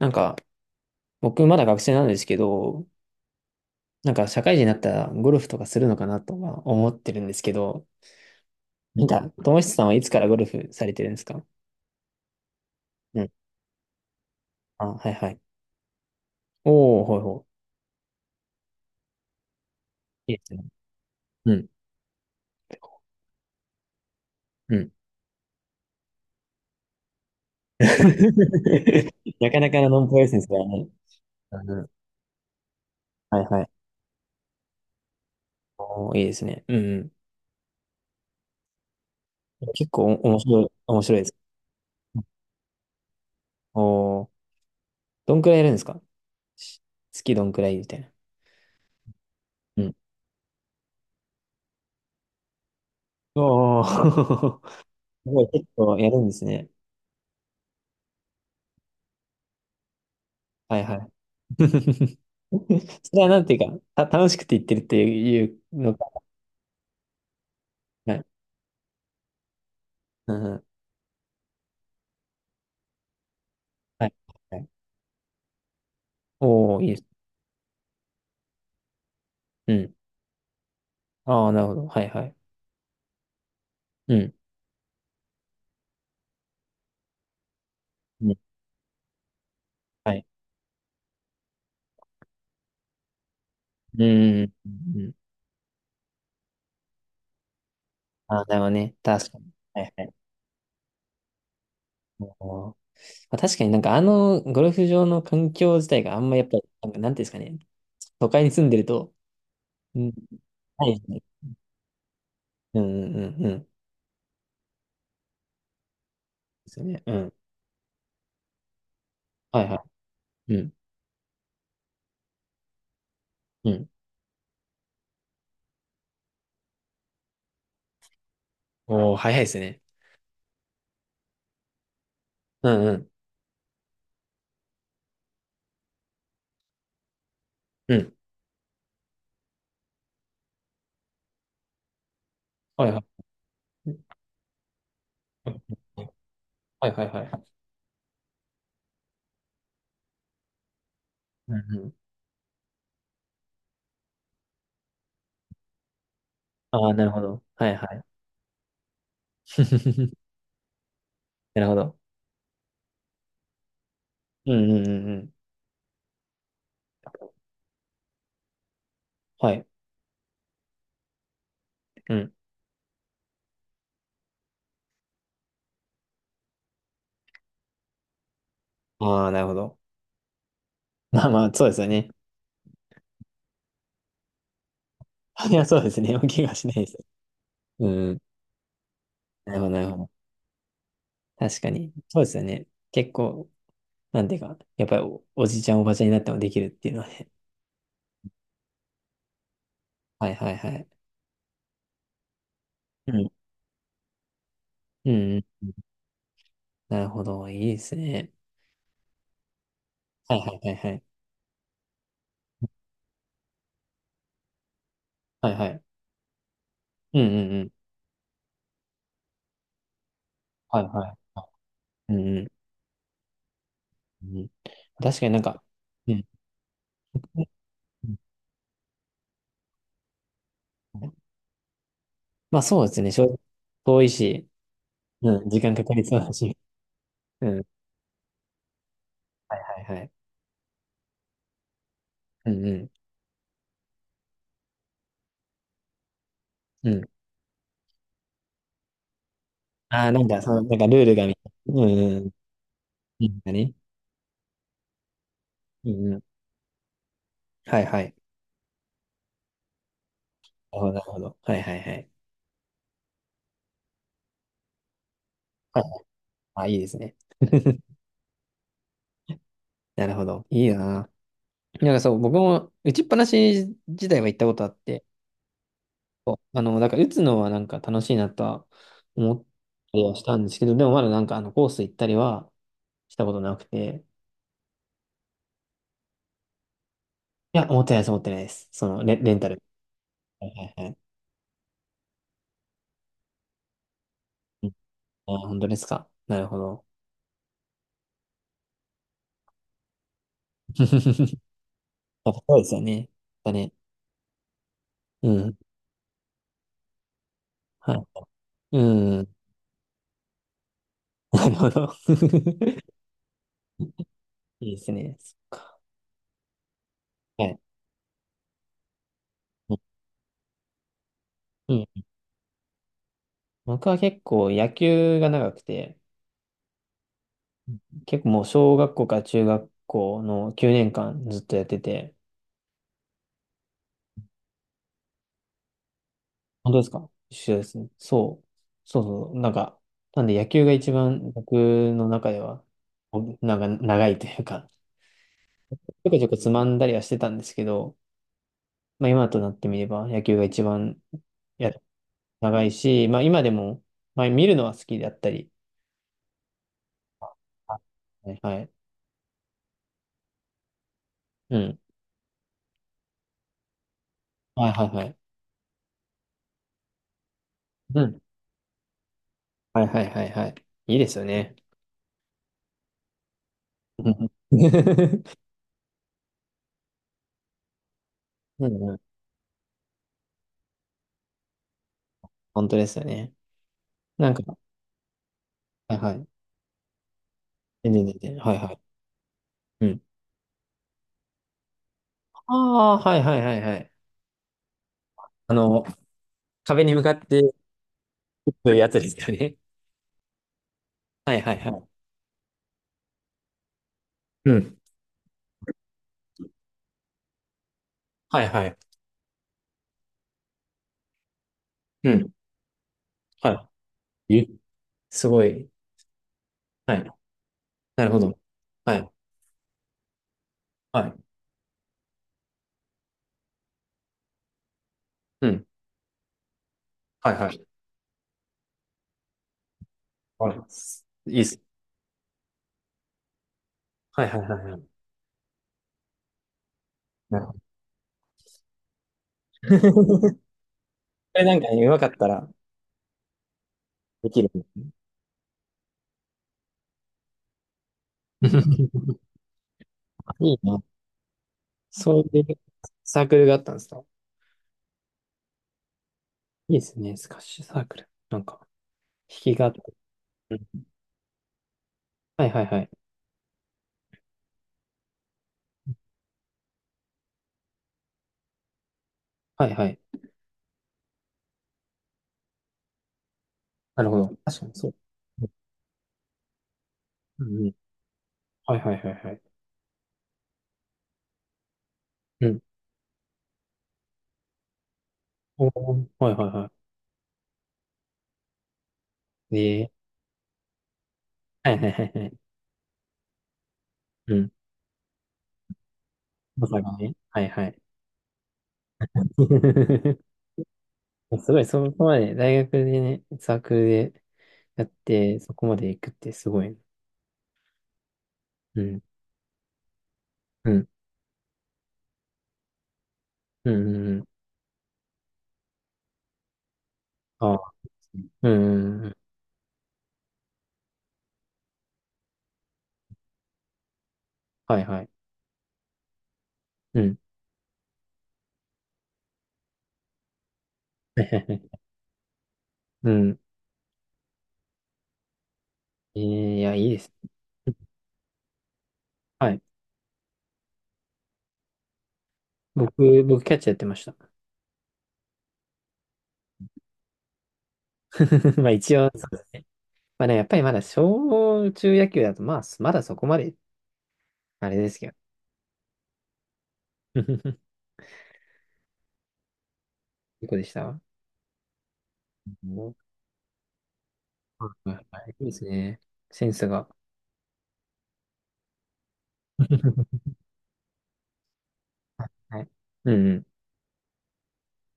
なんか、僕まだ学生なんですけど、なんか社会人になったらゴルフとかするのかなとは思ってるんですけど、なんか、友久さんはいつからゴルフされてるんですか？うん。あ、はいはい。おー、ほいほい。いいですね。うん。うん。なかなかのノンプロレスですからね。うん。はいはい。おー、いいですね。うんうん。結構お面白い、面白いです。おー、どんくらいやるんですか？し月どんくらいみたいな。うん。おー、すごい結構やるんですね。はいはい。それはなんていうか、楽しくて言ってるっていうのか。はい。うん、うん。はい。はい。おー、いいです。うん。ああ、なるほど。はいはい。うん。うん。はい。うん。うん。うん。ああ、なるほどね。確かに。はいはい。おー。まあ、確かになんかあのゴルフ場の環境自体があんまやっぱ、なんかなんていうんですかね。都会に住んでると、うん。ないですね。うんうんうんうん。ですよね。うん。はいはい。うん。うん。おー、早いですね。うんうん。うん。はいはい。うん。はいはいはい。うんうん。ああ、なるほど。はいはい。なるほど。うんうんうんうん。はい。うん。ああ、なるほど。まあまあ、そうですよね。いや、そうですね。お怪我しないです。うん。なるほど、なるほど。確かに。そうですよね。結構、なんていうか、やっぱりおじいちゃん、おばちゃんになってもできるっていうのはね。はいはいはい。うん。うんうん。なるほど。いいですね。はいはいはいはい。はいはい。うんうんうん。はいはい。うんうん。うん、確かになんか、うん。まあそうですね。正直遠いし、うん、時間かかりそうだし。うん。はいはいはい。うんうん。うん。ああ、なんか、その、なんかルールがみたいな、うん。うん。うんだね。うんうん。はいはい。なるほど、なるほど。はいはいはい。はい。あ、いいですね。なるほど。いいな。なんかそう、僕も打ちっぱなし自体は行ったことあって、そうあの、だから打つのはなんか楽しいなとは思ったりはしたんですけど、でもまだなんかあのコース行ったりはしたことなくて、いや、思ってないです、思ってないです。そのレンタル。はいはいはい。うん。あ本当ですか。なるほど。あそうですよね。だね。うん。はい。うん。なるほど。いいですね。そっか。はい。うん。僕は結構野球が長くて、結構もう小学校から中学校の9年間ずっとやってて、本当ですか？一緒ですね。そう。そうそう。なんか、なんで野球が一番僕の中では、おなんか長いというか、ちょこちょこつまんだりはしてたんですけど、まあ、今となってみれば野球が一番や長いし、まあ、今でも、まあ、見るのは好きだったり。あはいはい。うん。はいはいはい。うん。はいはいはいはい。いいですよね。うん。 うんうん。本当ですよね。なんか、はいはい。全然全然。はいはい。うん。ああ、はいはいはいはい。あの、壁に向かって打つやつですよね。はいはいはい。うん。はいはい。うん。はい。すごい。はい。なるほど。はい。はい。うん。はいはい。わかります。いいっす。はいはいはいはい。なるほど。これなんかね、うまかったらできる。 あいいな。そういうサークルがあったんですか？いいですね。スカッシュサークル。なんか、引きがあって。うん。はいはいはい。はいはい。なるほど。確かにそう。うんうん。はいはいはいはい。うん。おーはいはいはい。ええ。はいはいはいはい。うん。わかるね。はいはい。すごい、そこまで、大学でね、サークルでやって、そこまで行くってすごいね。うん、うん、うん、うん。ああ、うん、うん、うん。はいはい。うん。はいはいはい。うん。えーいや、いいです。はい。僕、キャッチャーやってました。まあ、一応、そうです。まあね、やっぱりまだ小中野球だと、まあ、まだそこまで、あれですけど。いい子でした。うん。はいはいはい。いいですね。センスが。はい。うんうん。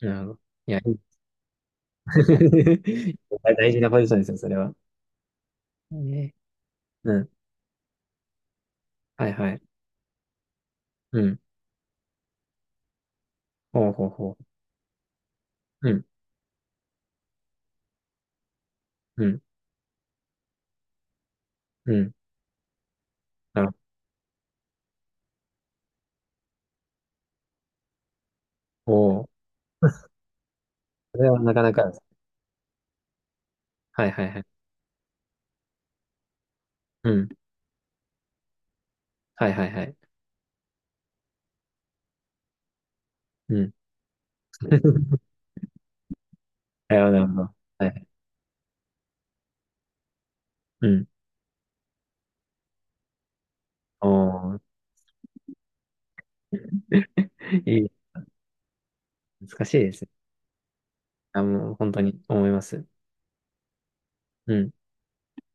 なるほど。いや、いい。大事なポジションですよ、それは。ね。うん。はいはい。うん。ほうほうほう。うん。うん。うん。なるほど。おー。それはなかなかです。はいはいはい。うん。はいはいはい。うん。なるほど、なるほど。はいはい。うん。おー。いい。難しいですね。あ、もう本当に思います。うん。